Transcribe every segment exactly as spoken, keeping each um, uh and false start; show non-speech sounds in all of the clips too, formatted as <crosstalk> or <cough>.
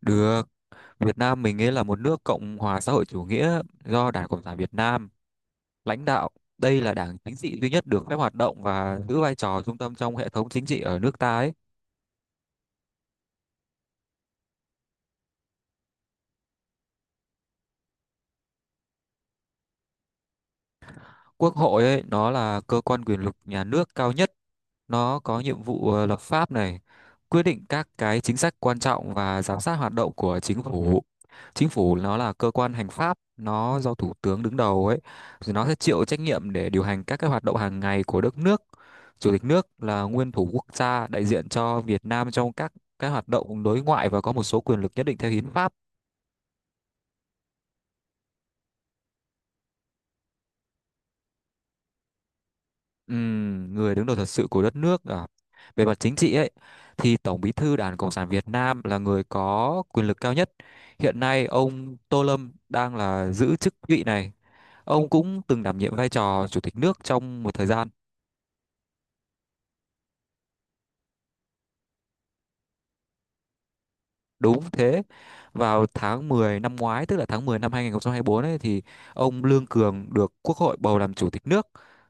Được, Việt Nam mình ấy là một nước Cộng hòa xã hội chủ nghĩa do Đảng Cộng sản Việt Nam lãnh đạo. Đây là đảng chính trị duy nhất được phép hoạt động và giữ vai trò trung tâm trong hệ thống chính trị ở nước ta ấy. Quốc hội ấy, nó là cơ quan quyền lực nhà nước cao nhất. Nó có nhiệm vụ ờ, lập pháp này, quyết định các cái chính sách quan trọng và giám sát hoạt động của chính phủ. Chính phủ nó là cơ quan hành pháp, nó do thủ tướng đứng đầu ấy, rồi nó sẽ chịu trách nhiệm để điều hành các cái hoạt động hàng ngày của đất nước. Chủ tịch nước là nguyên thủ quốc gia đại diện cho Việt Nam trong các cái hoạt động đối ngoại và có một số quyền lực nhất định theo hiến pháp. Ừm, người đứng đầu thật sự của đất nước à. Về mặt chính trị ấy thì Tổng Bí thư Đảng Cộng sản Việt Nam là người có quyền lực cao nhất. Hiện nay ông Tô Lâm đang là giữ chức vị này. Ông cũng từng đảm nhiệm vai trò chủ tịch nước trong một thời gian. Đúng thế. Vào tháng mười năm ngoái, tức là tháng mười năm hai không hai tư ấy thì ông Lương Cường được Quốc hội bầu làm chủ tịch nước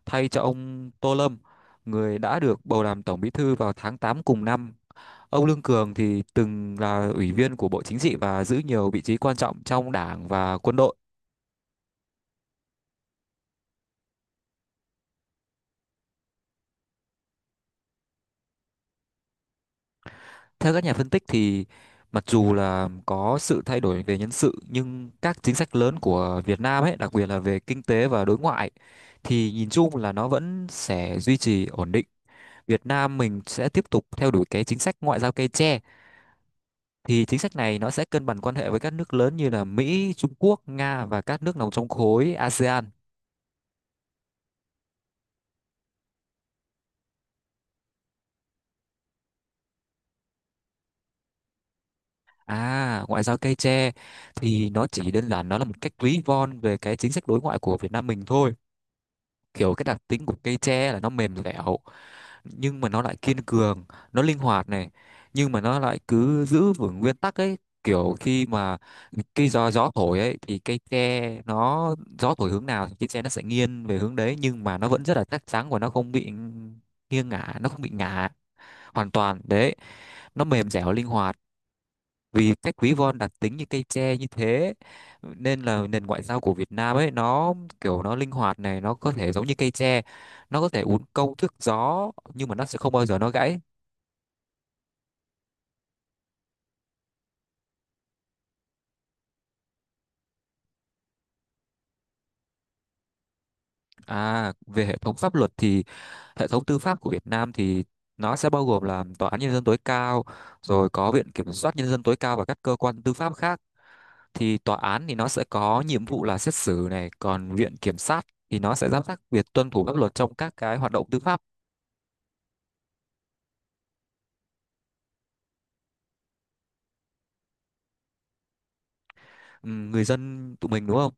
thay cho ông Tô Lâm, người đã được bầu làm Tổng Bí thư vào tháng tám cùng năm. Ông Lương Cường thì từng là ủy viên của Bộ Chính trị và giữ nhiều vị trí quan trọng trong đảng và quân đội. Theo các nhà phân tích thì mặc dù là có sự thay đổi về nhân sự nhưng các chính sách lớn của Việt Nam ấy, đặc biệt là về kinh tế và đối ngoại thì nhìn chung là nó vẫn sẽ duy trì ổn định. Việt Nam mình sẽ tiếp tục theo đuổi cái chính sách ngoại giao cây tre, thì chính sách này nó sẽ cân bằng quan hệ với các nước lớn như là Mỹ, Trung Quốc, Nga và các nước nằm trong khối a sê an. À, ngoại giao cây tre thì nó chỉ đơn giản nó là một cách ví von về cái chính sách đối ngoại của Việt Nam mình thôi. Kiểu cái đặc tính của cây tre là nó mềm dẻo nhưng mà nó lại kiên cường, nó linh hoạt này, nhưng mà nó lại cứ giữ vững nguyên tắc ấy. Kiểu khi mà cây gió gió thổi ấy thì cây tre nó gió thổi hướng nào thì cây tre nó sẽ nghiêng về hướng đấy nhưng mà nó vẫn rất là chắc chắn và nó không bị nghiêng ngả, nó không bị ngả hoàn toàn. Đấy, nó mềm dẻo linh hoạt, vì cách ví von đặc tính như cây tre như thế nên là nền ngoại giao của Việt Nam ấy nó kiểu nó linh hoạt này, nó có thể giống như cây tre, nó có thể uốn cong thước gió nhưng mà nó sẽ không bao giờ nó gãy. À, về hệ thống pháp luật thì hệ thống tư pháp của Việt Nam thì nó sẽ bao gồm là tòa án nhân dân tối cao, rồi có viện kiểm soát nhân dân tối cao và các cơ quan tư pháp khác. Thì tòa án thì nó sẽ có nhiệm vụ là xét xử này, còn viện kiểm sát thì nó sẽ giám sát việc tuân thủ pháp luật trong các cái hoạt động tư pháp. Ừm, người dân tụi mình đúng không?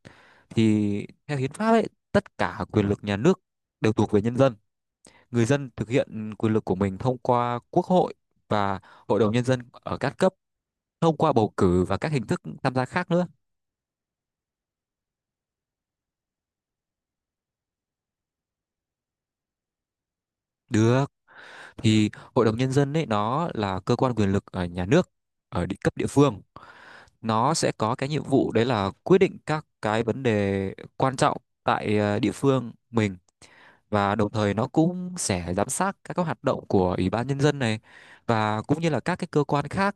Thì theo hiến pháp ấy, tất cả quyền lực nhà nước đều thuộc về nhân dân. Người dân thực hiện quyền lực của mình thông qua quốc hội và hội đồng nhân dân ở các cấp, thông qua bầu cử và các hình thức tham gia khác nữa. Được, thì hội đồng nhân dân ấy nó là cơ quan quyền lực ở nhà nước ở địa cấp địa phương. Nó sẽ có cái nhiệm vụ đấy là quyết định các cái vấn đề quan trọng tại ờ, địa phương mình, và đồng thời nó cũng sẽ giám sát các cái hoạt động của Ủy ban Nhân dân này và cũng như là các cái cơ quan khác.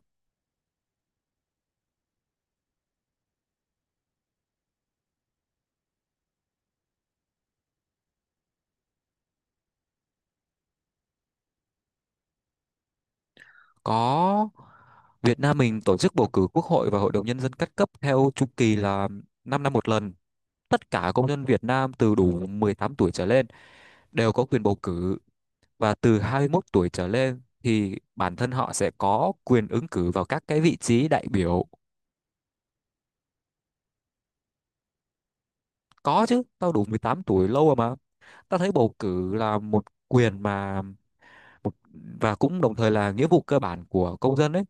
Có, Việt Nam mình tổ chức bầu cử Quốc hội và Hội đồng Nhân dân các cấp theo chu kỳ là 5 năm một lần. Tất cả công dân Việt Nam từ đủ mười tám tuổi trở lên đều có quyền bầu cử, và từ hai mươi mốt tuổi trở lên thì bản thân họ sẽ có quyền ứng cử vào các cái vị trí đại biểu. Có chứ, tao đủ mười tám tuổi lâu rồi mà. Tao thấy bầu cử là một quyền mà Một- và cũng đồng thời là nghĩa vụ cơ bản của công dân ấy.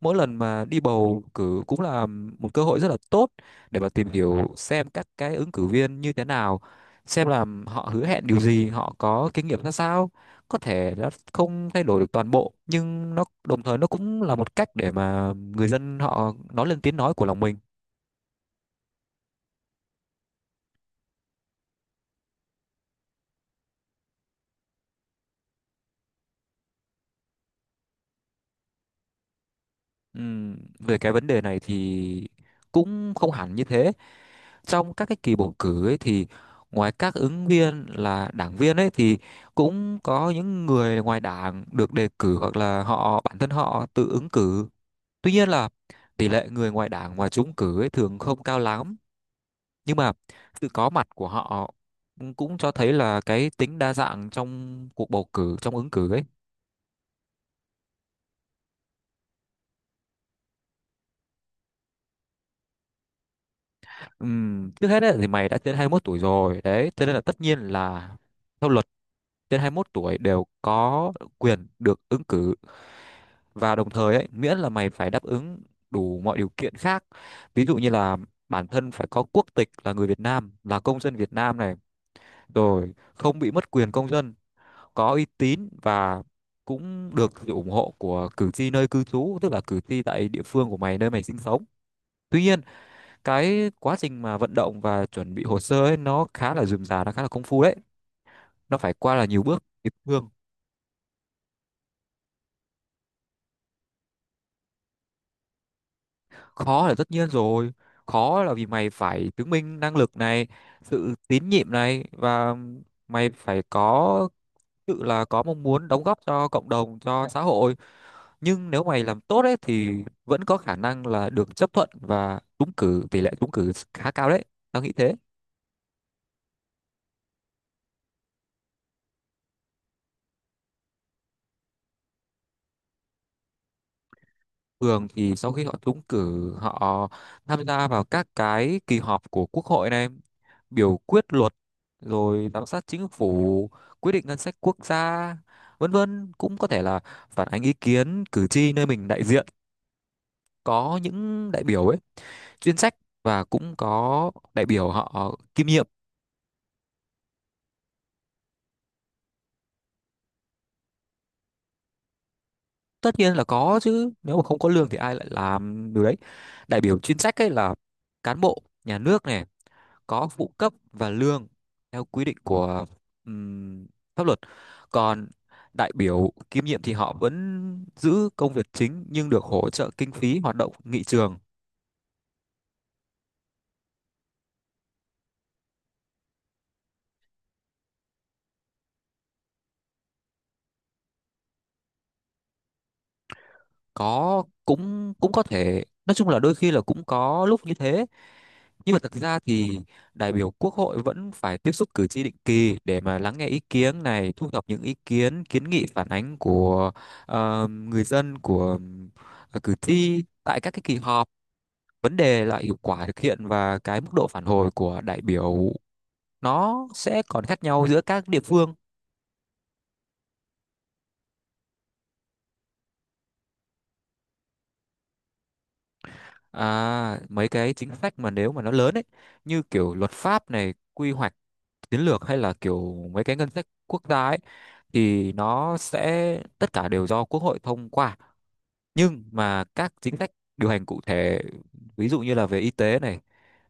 Mỗi lần mà đi bầu cử cũng là một cơ hội rất là tốt để mà tìm hiểu xem các cái ứng cử viên như thế nào, xem là họ hứa hẹn điều gì, họ có kinh nghiệm ra sao. Có thể nó không thay đổi được toàn bộ nhưng nó đồng thời nó cũng là một cách để mà người dân họ nói lên tiếng nói của lòng mình. Ừm, về cái vấn đề này thì cũng không hẳn như thế. Trong các cái kỳ bầu cử ấy thì ngoài các ứng viên là đảng viên ấy thì cũng có những người ngoài đảng được đề cử hoặc là họ bản thân họ tự ứng cử. Tuy nhiên là tỷ lệ người ngoài đảng mà trúng cử ấy thường không cao lắm, nhưng mà sự có mặt của họ cũng cho thấy là cái tính đa dạng trong cuộc bầu cử, trong ứng cử ấy. Ừm, trước hết ấy, thì mày đã trên hai mươi mốt tuổi rồi đấy, cho nên là tất nhiên là theo luật, trên hai mươi mốt tuổi đều có quyền được ứng cử, và đồng thời ấy miễn là mày phải đáp ứng đủ mọi điều kiện khác, ví dụ như là bản thân phải có quốc tịch là người Việt Nam, là công dân Việt Nam này, rồi không bị mất quyền công dân, có uy tín và cũng được sự ủng hộ của cử tri nơi cư trú, tức là cử tri tại địa phương của mày nơi mày sinh sống. Tuy nhiên, cái quá trình mà vận động và chuẩn bị hồ sơ ấy nó khá là rườm rà, nó khá là công phu đấy, nó phải qua là nhiều bước địa phương. Khó là tất nhiên rồi, khó là vì mày phải chứng minh năng lực này, sự tín nhiệm này, và mày phải có tự là có mong muốn đóng góp cho cộng đồng, cho xã hội. Nhưng nếu mày làm tốt ấy thì vẫn có khả năng là được chấp thuận và trúng cử, tỷ lệ trúng cử khá cao đấy, tao nghĩ thế. Thường thì sau khi họ trúng cử, họ tham gia vào các cái kỳ họp của Quốc hội này, biểu quyết luật, rồi giám sát chính phủ, quyết định ngân sách quốc gia vân vân. Cũng có thể là phản ánh ý kiến cử tri nơi mình đại diện. Có những đại biểu ấy chuyên trách, và cũng có đại biểu họ kiêm nhiệm. Tất nhiên là có chứ, nếu mà không có lương thì ai lại làm điều đấy. Đại biểu chuyên trách ấy là cán bộ nhà nước này, có phụ cấp và lương theo quy định của ừm, pháp luật. Còn đại biểu kiêm nhiệm thì họ vẫn giữ công việc chính nhưng được hỗ trợ kinh phí hoạt động nghị trường. Có, cũng cũng có thể nói chung là đôi khi là cũng có lúc như thế, nhưng mà thực ra thì đại biểu quốc hội vẫn phải tiếp xúc cử tri định kỳ để mà lắng nghe ý kiến này, thu thập những ý kiến kiến nghị phản ánh của ờ, người dân, của ờ, cử tri tại các cái kỳ họp. Vấn đề là hiệu quả thực hiện và cái mức độ phản hồi của đại biểu nó sẽ còn khác nhau giữa các địa phương. À, mấy cái chính sách mà nếu mà nó lớn ấy, như kiểu luật pháp này, quy hoạch, chiến lược, hay là kiểu mấy cái ngân sách quốc gia ấy, thì nó sẽ tất cả đều do quốc hội thông qua. Nhưng mà các chính sách điều hành cụ thể, ví dụ như là về y tế này,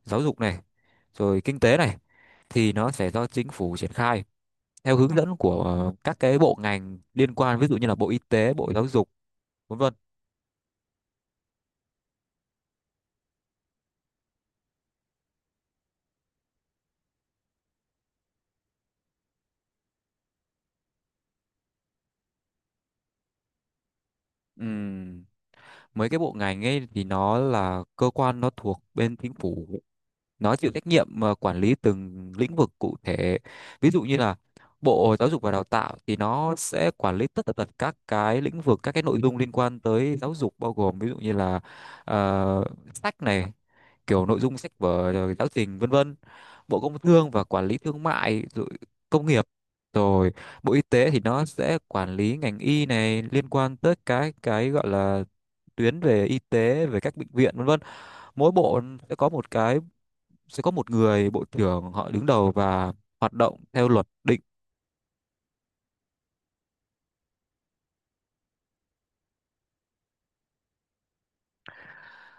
giáo dục này, rồi kinh tế này, thì nó sẽ do chính phủ triển khai theo hướng dẫn của ờ, các cái bộ ngành liên quan, ví dụ như là Bộ Y tế, Bộ Giáo dục vân vân. Ừm, Mấy cái bộ ngành ấy thì nó là cơ quan, nó thuộc bên chính phủ, nó chịu trách nhiệm mà quản lý từng lĩnh vực cụ thể, ví dụ như là Bộ Giáo dục và Đào tạo thì nó sẽ quản lý tất tật các cái lĩnh vực, các cái nội dung liên quan tới giáo dục, bao gồm ví dụ như là ờ, sách này, kiểu nội dung sách vở rồi giáo trình vân vân. Bộ Công Thương và quản lý thương mại, rồi công nghiệp, rồi Bộ Y tế thì nó sẽ quản lý ngành y này, liên quan tới cái cái gọi là tuyến về y tế, về các bệnh viện vân vân. Mỗi bộ sẽ có một cái, sẽ có một người bộ trưởng họ đứng đầu và hoạt động theo luật định.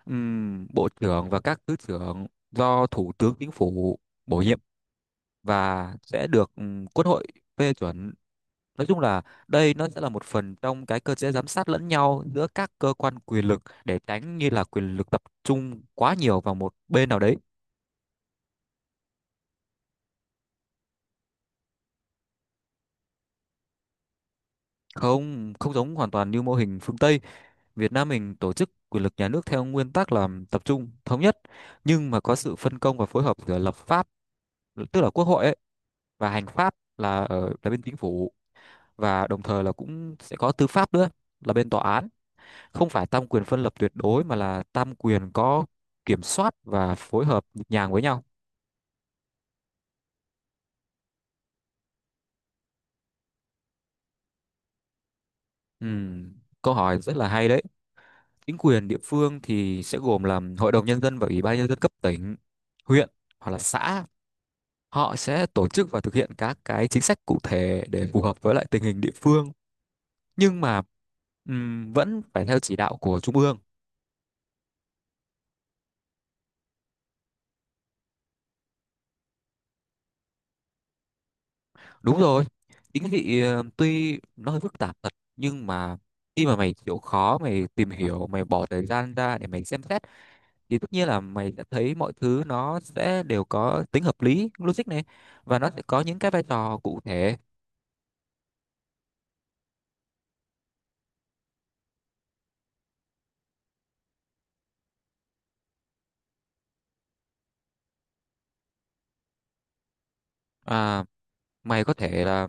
Ừm, bộ trưởng và các thứ trưởng do thủ tướng chính phủ bổ nhiệm và sẽ được ừm, quốc hội phê chuẩn. Nói chung là đây nó sẽ là một phần trong cái cơ chế giám sát lẫn nhau giữa các cơ quan quyền lực, để tránh như là quyền lực tập trung quá nhiều vào một bên nào đấy. Không không giống hoàn toàn như mô hình phương Tây, Việt Nam mình tổ chức quyền lực nhà nước theo nguyên tắc là tập trung, thống nhất, nhưng mà có sự phân công và phối hợp giữa lập pháp, tức là quốc hội ấy, và hành pháp là ở là bên chính phủ, và đồng thời là cũng sẽ có tư pháp nữa, là bên tòa án. Không phải tam quyền phân lập tuyệt đối, mà là tam quyền có kiểm soát và phối hợp nhịp nhàng với nhau. Ừm, câu hỏi rất là hay đấy. Chính quyền địa phương thì sẽ gồm là hội đồng nhân dân và ủy ban nhân dân cấp tỉnh, huyện, hoặc là xã. Họ sẽ tổ chức và thực hiện các cái chính sách cụ thể để phù hợp với lại tình hình địa phương, nhưng mà ừm, vẫn phải theo chỉ đạo của trung ương. Đúng rồi, chính vì ờ, tuy nó hơi phức tạp thật, nhưng mà khi mà mày chịu khó, mày tìm hiểu, mày bỏ thời gian ra để mày xem xét, thì tất nhiên là mày sẽ thấy mọi thứ nó sẽ đều có tính hợp lý, logic này, và nó sẽ có những cái vai trò cụ thể. À, mày có thể là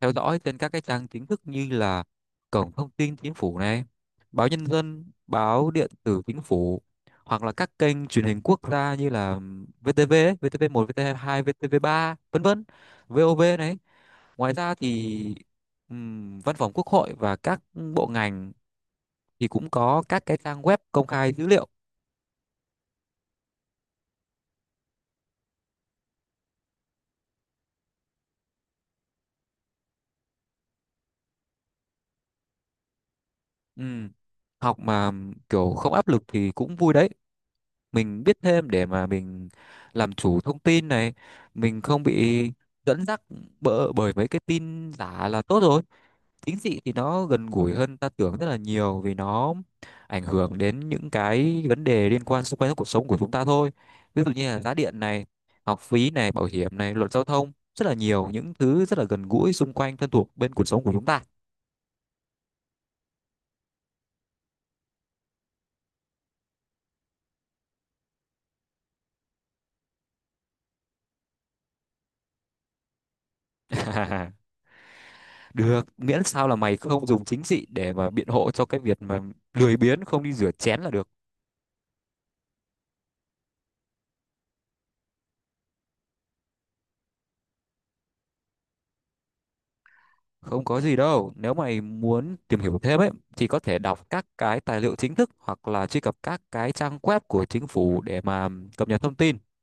theo dõi trên các cái trang chính thức như là cổng thông tin chính phủ này, báo Nhân dân, báo điện tử chính phủ, hoặc là các kênh truyền hình quốc gia như là vê tê vê, ấy, vê tê vê một, vê tê vê hai, vê tê vê ba, vân vân, vê o vê này. Ngoài ra thì ừm, Văn phòng Quốc hội và các bộ ngành thì cũng có các cái trang web công khai dữ liệu. Ừm, Học mà kiểu không áp lực thì cũng vui đấy. Mình biết thêm để mà mình làm chủ thông tin này, mình không bị dẫn dắt bỡ bởi mấy cái tin giả là tốt rồi. Chính trị thì nó gần gũi hơn ta tưởng rất là nhiều, vì nó ảnh hưởng đến những cái vấn đề liên quan xung quanh cuộc sống của chúng ta thôi. Ví dụ như là giá điện này, học phí này, bảo hiểm này, luật giao thông, rất là nhiều những thứ rất là gần gũi xung quanh, thân thuộc bên cuộc sống của chúng ta. <laughs> Được, miễn sao là mày không dùng chính trị để mà biện hộ cho cái việc mà lười biếng không đi rửa chén là được. Không có gì đâu, nếu mày muốn tìm hiểu thêm ấy thì có thể đọc các cái tài liệu chính thức hoặc là truy cập các cái trang web của chính phủ để mà cập nhật thông tin.